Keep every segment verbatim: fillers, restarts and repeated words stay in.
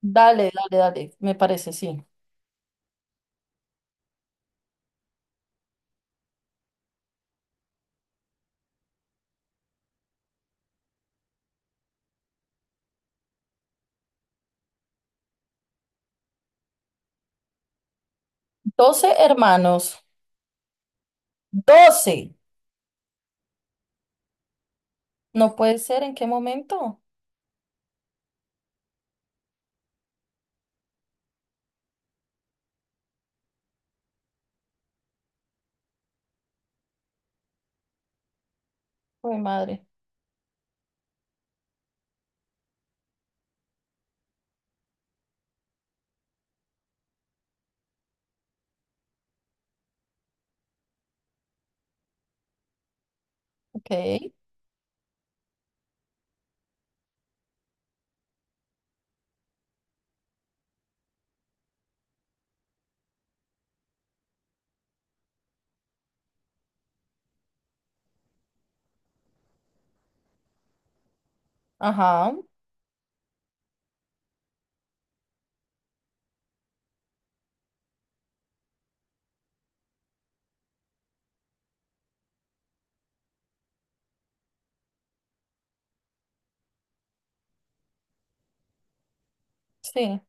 Dale, dale, dale, me parece, sí. Doce hermanos. Doce. No puede ser, ¿en qué momento? Uy, madre. Ok. Ajá. Sí,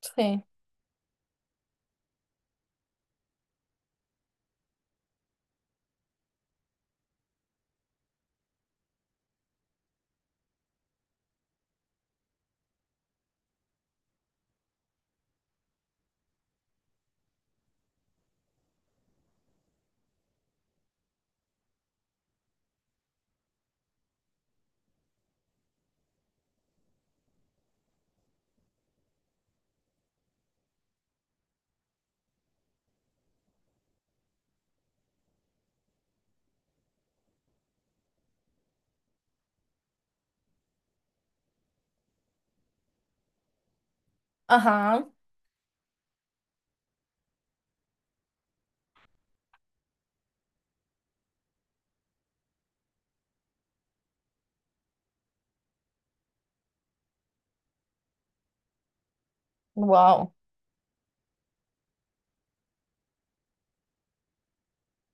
sí. Ajá. Wow.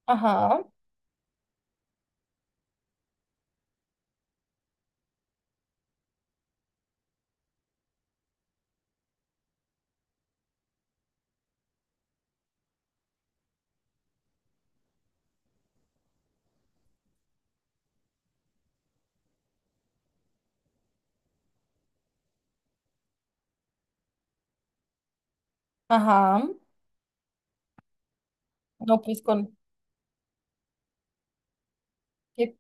Ajá. Ajá. No, pues con... qué-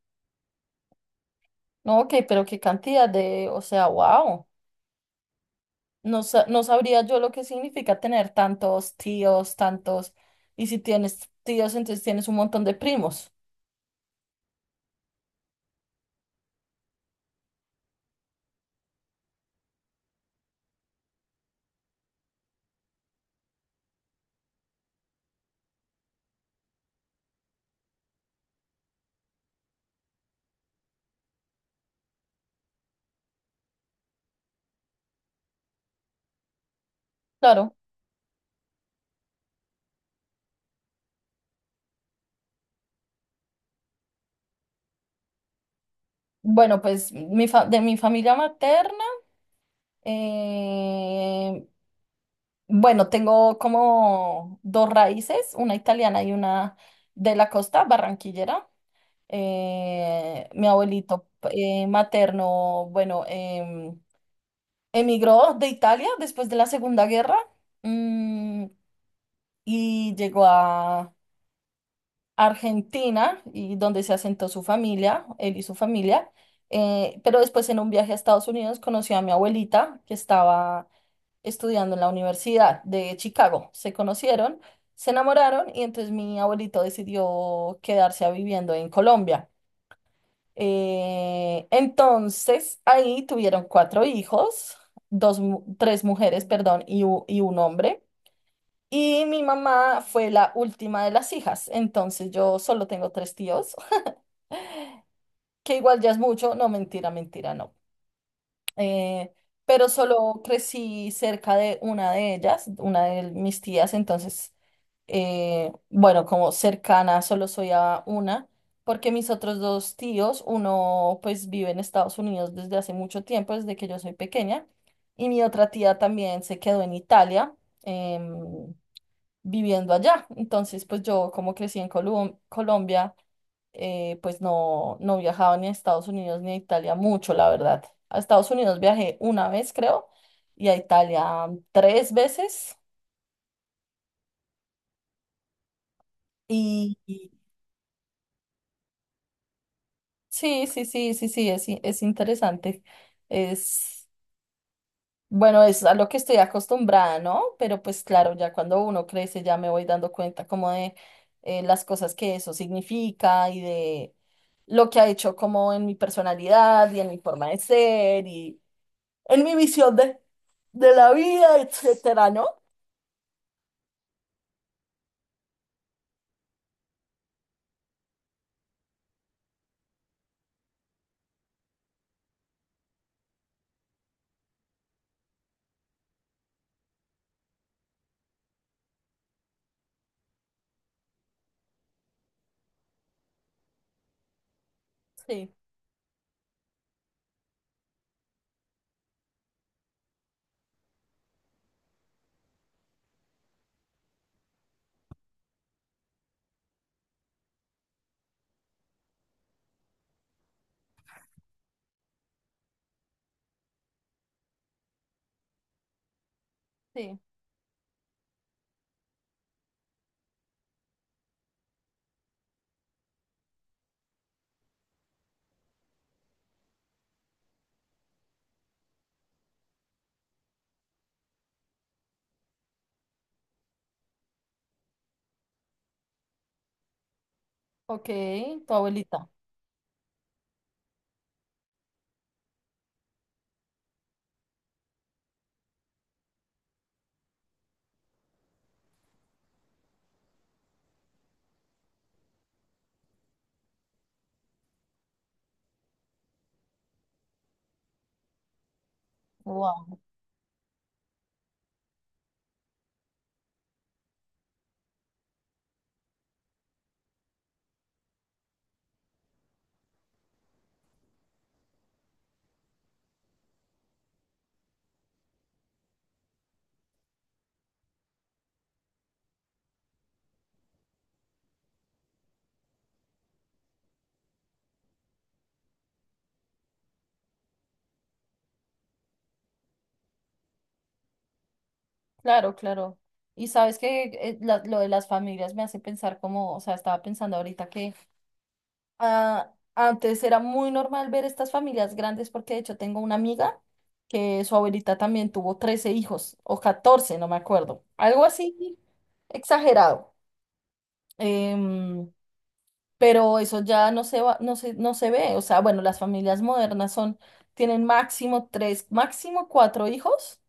No, ok, pero qué cantidad de... O sea, wow. No, sa- no sabría yo lo que significa tener tantos tíos, tantos... Y si tienes tíos, entonces tienes un montón de primos. Claro. Bueno, pues mi fa- de mi familia materna. Eh, bueno, tengo como dos raíces, una italiana y una de la costa, barranquillera. Eh, mi abuelito eh, materno, bueno, em, emigró de Italia después de la Segunda Guerra, mm, y llegó a Argentina, y donde se asentó su familia, él y su familia. Eh, pero después, en un viaje a Estados Unidos, conoció a mi abuelita, que estaba estudiando en la Universidad de Chicago. Se conocieron, se enamoraron y entonces mi abuelito decidió quedarse a viviendo en Colombia. Eh, entonces ahí tuvieron cuatro hijos, dos, mu- tres mujeres, perdón, y, u- y un hombre. Y mi mamá fue la última de las hijas, entonces yo solo tengo tres tíos que igual ya es mucho. No, mentira, mentira, no. Eh, pero solo crecí cerca de una de ellas, una de mis tías. Entonces, eh, bueno, como cercana solo soy a una, porque mis otros dos tíos, uno pues vive en Estados Unidos desde hace mucho tiempo, desde que yo soy pequeña, y mi otra tía también se quedó en Italia, em, viviendo allá. Entonces, pues yo como crecí en Colu- Colombia, eh, pues no, no viajaba ni a Estados Unidos ni a Italia mucho, la verdad. A Estados Unidos viajé una vez, creo, y a Italia, mm, tres veces. Y y sí, sí, sí, sí, sí, es, i- es interesante. Es. Bueno, es a lo que estoy acostumbrada, ¿no? Pero pues claro, ya cuando uno crece, ya me voy dando cuenta como de eh, las cosas que eso significa, y de lo que ha hecho como en mi personalidad y en mi forma de ser y en mi visión de, de la vida, etcétera, ¿no? Sí, sí. Ok, tu abuelita. Wow. Claro, claro. Y sabes que, eh, la- lo de las familias me hace pensar como, o sea, estaba pensando ahorita que ah, antes era muy normal ver estas familias grandes, porque de hecho tengo una amiga que su abuelita también tuvo trece hijos o catorce, no me acuerdo. Algo así exagerado. Em, pero eso ya no se va, no se, no se ve. O sea, bueno, las familias modernas son, tienen máximo tres, máximo cuatro hijos,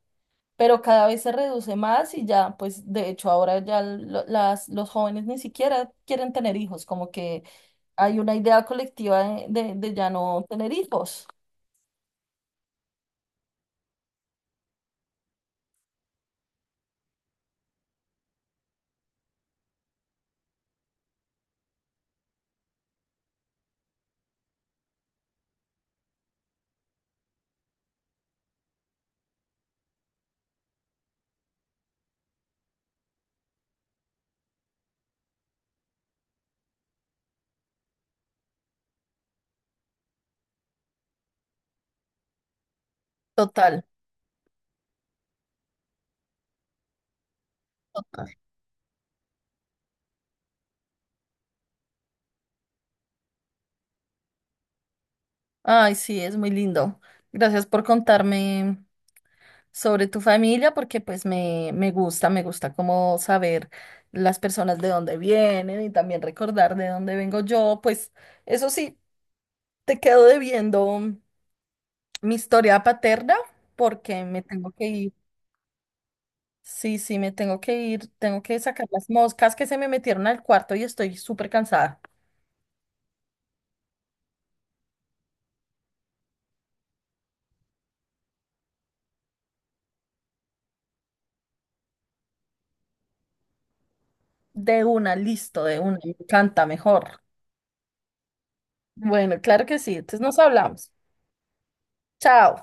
pero cada vez se reduce más y ya. Pues de hecho ahora ya lo- las, los jóvenes ni siquiera quieren tener hijos, como que hay una idea colectiva de, de- de ya no tener hijos. Total. Ay, sí, es muy lindo. Gracias por contarme sobre tu familia, porque pues me, me gusta, me gusta como saber las personas de dónde vienen, y también recordar de dónde vengo yo. Pues eso sí, te quedo debiendo mi historia paterna, porque me tengo que ir. Sí, sí, me tengo que ir. Tengo que sacar las moscas que se me metieron al cuarto y estoy súper cansada. De una, listo, de una, me encanta mejor. Bueno, claro que sí, entonces nos hablamos. Chao.